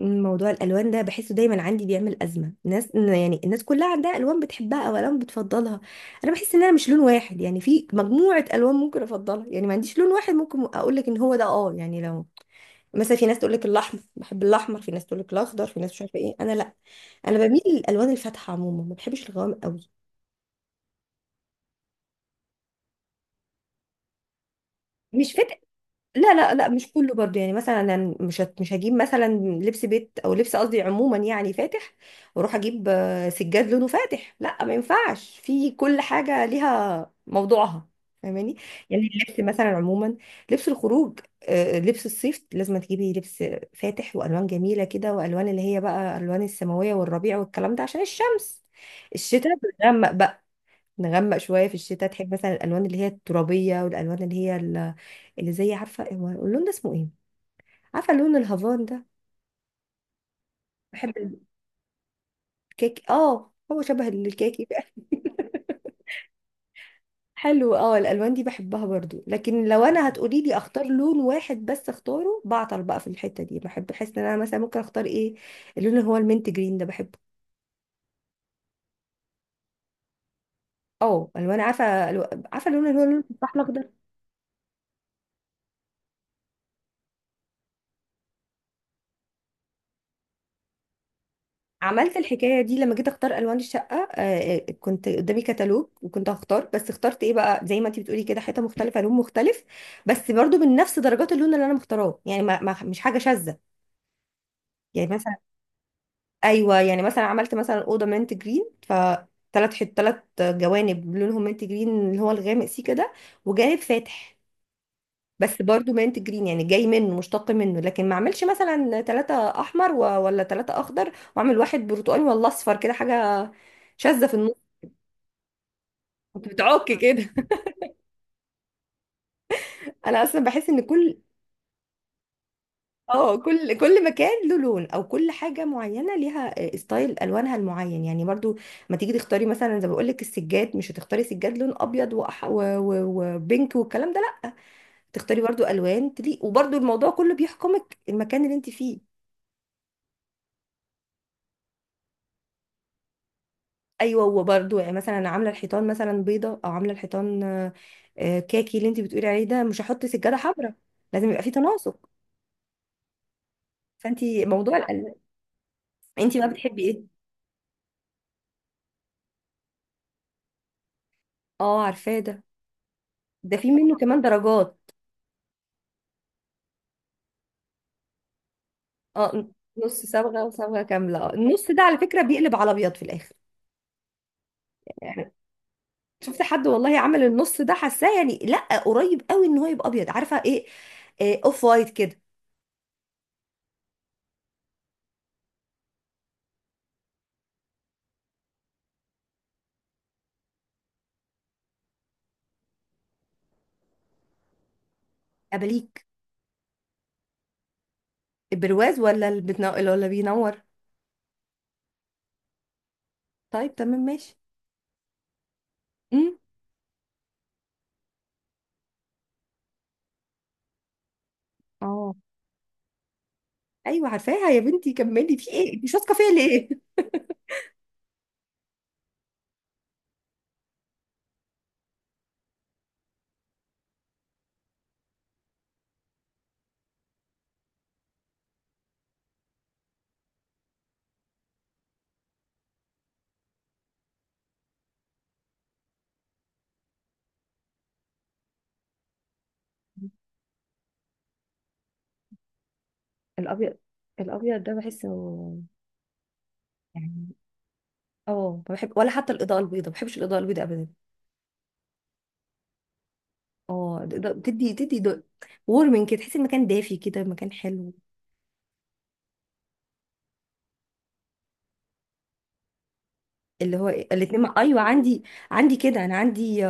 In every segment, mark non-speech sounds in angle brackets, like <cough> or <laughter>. موضوع الالوان ده بحسه دايما عندي بيعمل ازمه ناس، يعني الناس كلها عندها الوان بتحبها او الوان بتفضلها. انا بحس ان مش لون واحد، يعني في مجموعه الوان ممكن افضلها، يعني ما عنديش لون واحد ممكن اقول لك ان هو ده، اه يعني لو مثلا في ناس تقول لك الاحمر، بحب الاحمر، في ناس تقول لك الاخضر، في ناس مش عارفه ايه، انا لا، انا بميل للالوان الفاتحه عموما، ما بحبش الغوامق قوي. مش فاتح. لا لا لا مش كله برضو، يعني مثلا أنا مش هجيب مثلا لبس بيت او لبس، قصدي عموما يعني فاتح، واروح اجيب سجاد لونه فاتح، لا ما ينفعش، في كل حاجه ليها موضوعها. فاهماني؟ يعني اللبس مثلا عموما، لبس الخروج، لبس الصيف لازم تجيبي لبس فاتح والوان جميله كده، والوان اللي هي بقى الوان السماويه والربيع والكلام ده عشان الشمس. الشتاء نغمق شويه، في الشتاء تحب مثلا الالوان اللي هي الترابيه والالوان اللي هي اللي زي، عارفه هو اللون ده اسمه ايه؟ عارفه لون الهافان ده؟ بحب الكيك، اه هو شبه الكاكي بقى. <laughs> حلو، اه الالوان دي بحبها برضو، لكن لو انا هتقولي لي اختار لون واحد بس، اختاره بعطل بقى في الحته دي، بحب احس ان انا مثلا ممكن اختار ايه. اللون اللي هو المنت جرين ده بحبه. اه الوان، عارفه عارفه اللون اللي هو اللون الاحمر ده؟ عملت الحكاية دي لما جيت اختار الوان الشقة، كنت قدامي كتالوج وكنت هختار، بس اخترت ايه بقى؟ زي ما انت بتقولي كده، حيطة مختلفة لون مختلف، بس برضو من نفس درجات اللون اللي انا مختاراه، يعني مش حاجة شاذة، يعني مثلا، ايوه يعني مثلا عملت مثلا أوضة منت جرين، ف ثلاث ثلاث جوانب لونهم منت جرين اللي هو الغامق سي كده، وجانب فاتح، بس برضو مانت جرين، يعني جاي منه مشتق منه، لكن ما اعملش مثلا ثلاثة احمر و... ولا ثلاثة اخضر واعمل واحد برتقاني ولا اصفر، كده حاجة شاذة في النص. بتعك كده. <laughs> انا اصلا بحس ان كل، اه كل مكان له لون، او كل حاجة معينة ليها ستايل الوانها المعين، يعني برضو ما تيجي تختاري مثلا، زي ما بقول لك السجاد، مش هتختاري سجاد لون ابيض وأح... و... و... وبينك والكلام ده، لا، تختاري برضو الوان تليق، وبرضو الموضوع كله بيحكمك المكان اللي انت فيه. ايوه وبرده، يعني مثلا أنا عامله الحيطان مثلا بيضه، او عامله الحيطان كاكي، اللي انت بتقولي عليه ده، مش هحط سجاده حمراء. لازم يبقى في تناسق. فانت موضوع الالوان، انت بقى بتحبي ايه؟ اه عارفاه ده. ده في منه <laughs> كمان درجات. اه نص صبغه وصبغه كامله، النص ده على فكره بيقلب على ابيض في الاخر، يعني شفت حد والله عمل النص ده حاساه يعني، لا قريب قوي ان هو يبقى ابيض، عارفه ايه؟ اوف وايت كده. اباليك. البرواز، ولا اللي بتنو... ولا بينور؟ طيب تمام ماشي. امم. اه. ايوه عارفاها يا بنتي، كملي، في ايه انت مش واثقه فيا ليه؟ الابيض، الابيض ده بحسه، يعني اه ما بحب، ولا حتى الاضاءه البيضاء، ما بحبش الاضاءه البيضاء ابدا. اه الإضاءة، تدي وورمنج كده، تحسي المكان دافي كده، مكان حلو. اللي هو الاثنين، ايوه عندي، عندي كده، انا عندي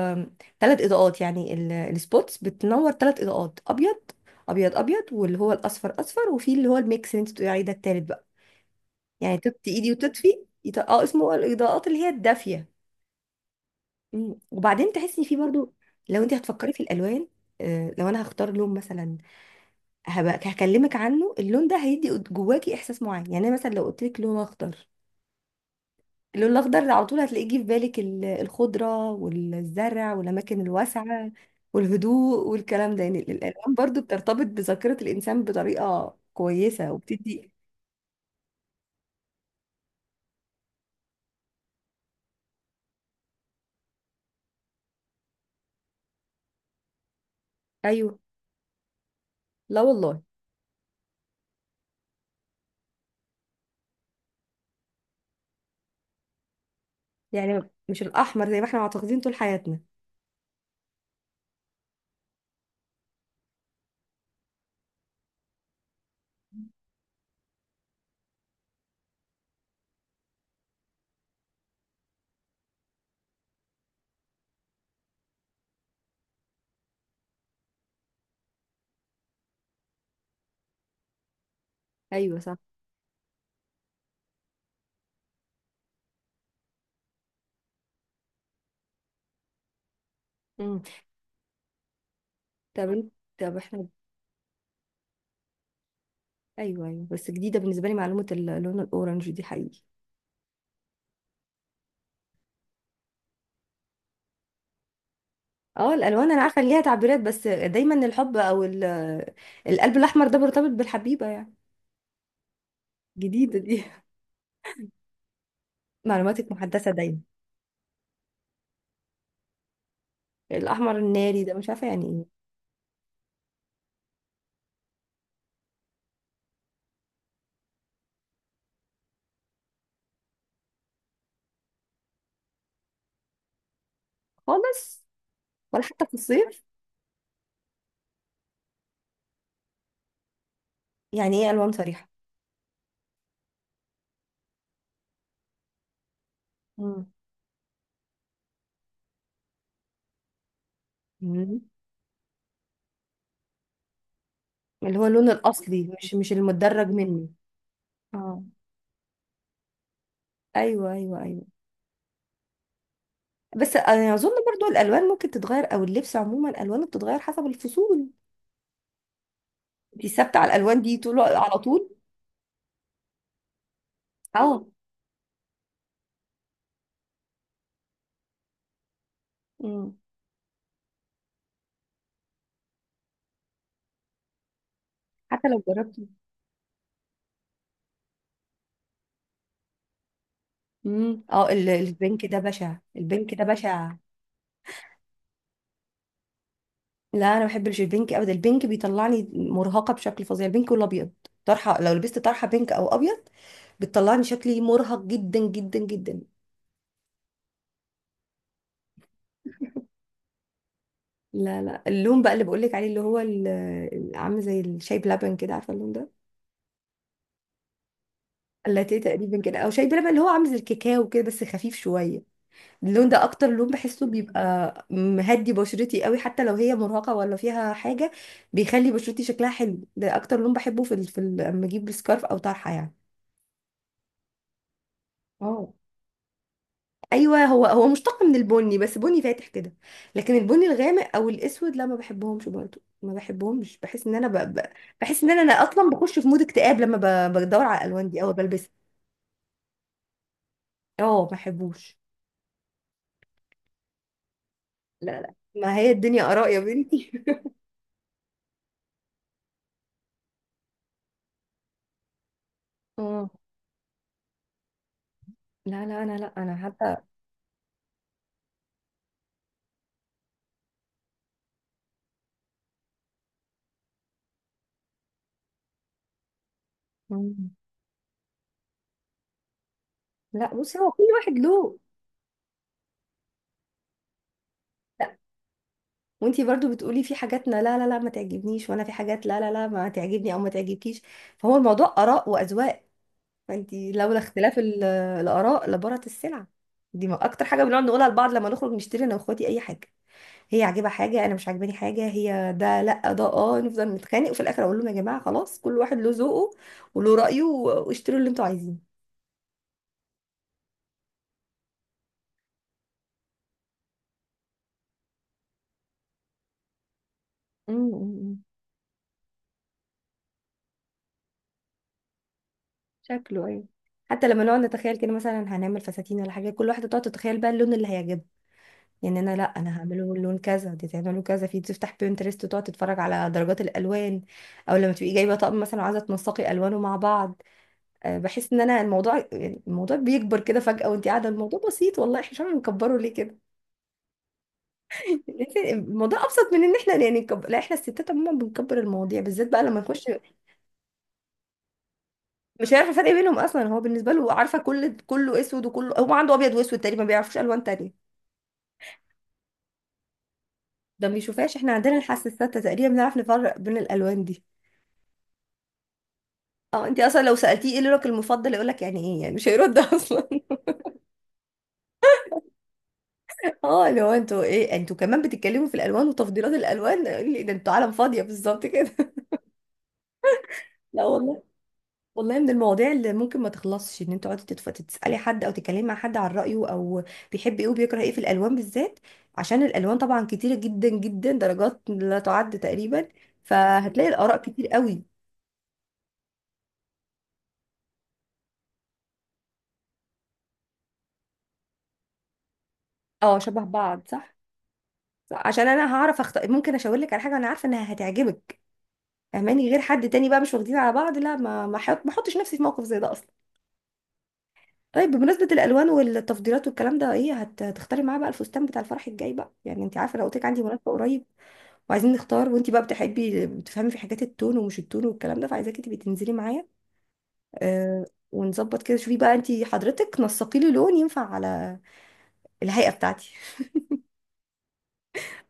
ثلاث اضاءات، يعني السبوتس بتنور ثلاث اضاءات، ابيض ابيض، واللي هو الاصفر اصفر، وفي اللي هو الميكس اللي انت بتقولي عليه ده، الثالث بقى، يعني تطفي ايدي وتطفي، اه اسمه الاضاءات اللي هي الدافيه. مم. وبعدين تحسي فيه برضو. لو انت هتفكري في الالوان، لو انا هختار لون مثلا هبقى هكلمك عنه، اللون ده هيدي جواكي احساس معين، يعني أنا مثلا لو قلت لك لون اخضر، اللون الاخضر على طول هتلاقيه جه في بالك الخضره والزرع والاماكن الواسعه والهدوء والكلام ده، يعني الالوان برضو بترتبط بذاكره الانسان بطريقه كويسه وبتدي. ايوه. لا والله. يعني مش الاحمر زي ما احنا معتقدين طول حياتنا. ايوه صح. مم. طب انت، طب احنا. ايوه ايوه، بس جديده بالنسبه لي معلومه اللون الاورنج دي، حقيقي. اه الالوان انا عارفه ان ليها تعبيرات، بس دايما الحب او القلب الاحمر ده مرتبط بالحبيبه يعني. جديده دي. <laughs> معلوماتك محدثه دايما. الاحمر الناري ده مش عارفه يعني ايه. خالص. ولا حتى في الصيف. يعني ايه الوان صريحه؟ مم. مم. اللي هو اللون الاصلي، مش مش المدرج منه. اه ايوه ايوه ايوه. بس انا اظن برضو الالوان ممكن تتغير، او اللبس عموما الوانه بتتغير حسب الفصول. انت ثابته على الالوان دي طول على طول؟ اه. امم. حتى لو جربتي. امم، اه البنك ده بشع، البنك ده بشع. لا انا ما بحبش البنك ابدا، البنك بيطلعني مرهقه بشكل فظيع، البنك والابيض، طرحه، لو لبست طرحه بينك او ابيض، بتطلعني شكلي مرهق جدا جدا جدا. لا لا، اللون بقى اللي بقول لك عليه، اللي هو عامل زي الشاي بلبن كده، عارفه اللون ده؟ اللاتيه تقريبا كده، او شاي بلبن، اللي هو عامل زي الكاكاو كده بس خفيف شويه. اللون ده اكتر لون بحسه بيبقى مهدي بشرتي قوي، حتى لو هي مرهقه ولا فيها حاجه، بيخلي بشرتي شكلها حلو. ده اكتر لون بحبه في ال... في ال... لما اجيب سكارف او طرحه يعني. اه ايوه، هو هو مشتق من البني، بس بني فاتح كده. لكن البني الغامق او الاسود لا ما بحبهمش برضو، ما بحبهمش، بحس ان انا ب... ب... بحس ان انا اصلا بخش في مود اكتئاب لما ب... بدور على الالوان دي او بلبسها. اه ما بحبوش. لا لا. ما هي الدنيا اراء يا بنتي. <laughs> اه. لا لا انا، لا انا. حتى. لا بصي، هو كل واحد له. لا، وانتي برضو بتقولي في حاجاتنا لا لا لا ما تعجبنيش، وانا في حاجات لا لا لا ما تعجبني او ما تعجبكيش، فهو الموضوع اراء واذواق. فانتي لولا اختلاف الاراء لبارت السلع دي، اكتر حاجه بنقعد نقولها لبعض لما نخرج نشتري انا واخواتي اي حاجه، هي عاجبها حاجه، انا مش عاجباني حاجه، هي ده لا ده اه، نفضل نتخانق، وفي الاخر اقول لهم يا جماعه خلاص كل واحد له ذوقه وله رايه، واشتروا اللي انتوا عايزينه. أمم، أمم، شكله. ايوه حتى لما نقعد نتخيل كده، مثلا هنعمل فساتين ولا حاجه، كل واحده تقعد تتخيل بقى اللون اللي هيعجبها، يعني انا لا انا هعمله لون كذا، دي تعمله كذا، في تفتح بينترست وتقعد تتفرج على درجات الالوان، او لما تبقي جايبه طقم مثلا وعايزه تنسقي الوانه مع بعض. بحس ان انا الموضوع، يعني الموضوع بيكبر كده فجاه وانت قاعده الموضوع بسيط، والله احنا مش عارفين نكبره ليه كده. <laughs> الموضوع ابسط من ان احنا يعني نكبر، لا احنا الستات عموما بنكبر المواضيع بالذات بقى لما نخش. مش هيعرف الفرق بينهم اصلا، هو بالنسبه له، عارفه كل، كله اسود، وكله، هو عنده ابيض واسود تقريبا، ما بيعرفوش الوان تانية. ده ما بيشوفهاش، احنا عندنا الحاسه الستة تقريبا، بنعرف نفرق بين الالوان دي. اه انت اصلا لو سالتيه ايه لونك المفضل، يقول لك يعني ايه يعني، مش هيرد <laughs> اصلا. اه لو انتوا ايه، انتوا كمان بتتكلموا في الالوان وتفضيلات الالوان، ده انتوا عالم فاضيه بالظبط كده. <laughs> لا والله، والله من المواضيع اللي ممكن ما تخلصش، ان انت تقعدي تسالي حد او تتكلمي مع حد عن رايه، او بيحب ايه وبيكره ايه في الالوان بالذات، عشان الالوان طبعا كتيره جدا جدا درجات لا تعد تقريبا، فهتلاقي الاراء كتير قوي. اه شبه بعض صح. صح. عشان انا هعرف اختار، ممكن اشاور لك على حاجه انا عارفه انها هتعجبك، فهماني، غير حد تاني بقى مش واخدين على بعض، لا ما ما حط ما احطش نفسي في موقف زي ده اصلا. طيب بمناسبه الالوان والتفضيلات والكلام ده، ايه هتختاري معاه بقى الفستان بتاع الفرح الجاي بقى، يعني انت عارفه لو قلت لك عندي مناسبه قريب، وعايزين نختار، وانتي بقى بتحبي بتفهمي في حاجات التون ومش التون والكلام ده، فعايزاكي تبقي تنزلي معايا. آه ونظبط كده، شوفي بقى انتي حضرتك نسقي لي لون ينفع على الهيئة بتاعتي.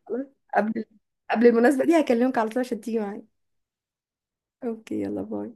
خلاص. قبل، قبل المناسبة دي هكلمك على طول عشان تيجي معايا. اوكي يلا باي.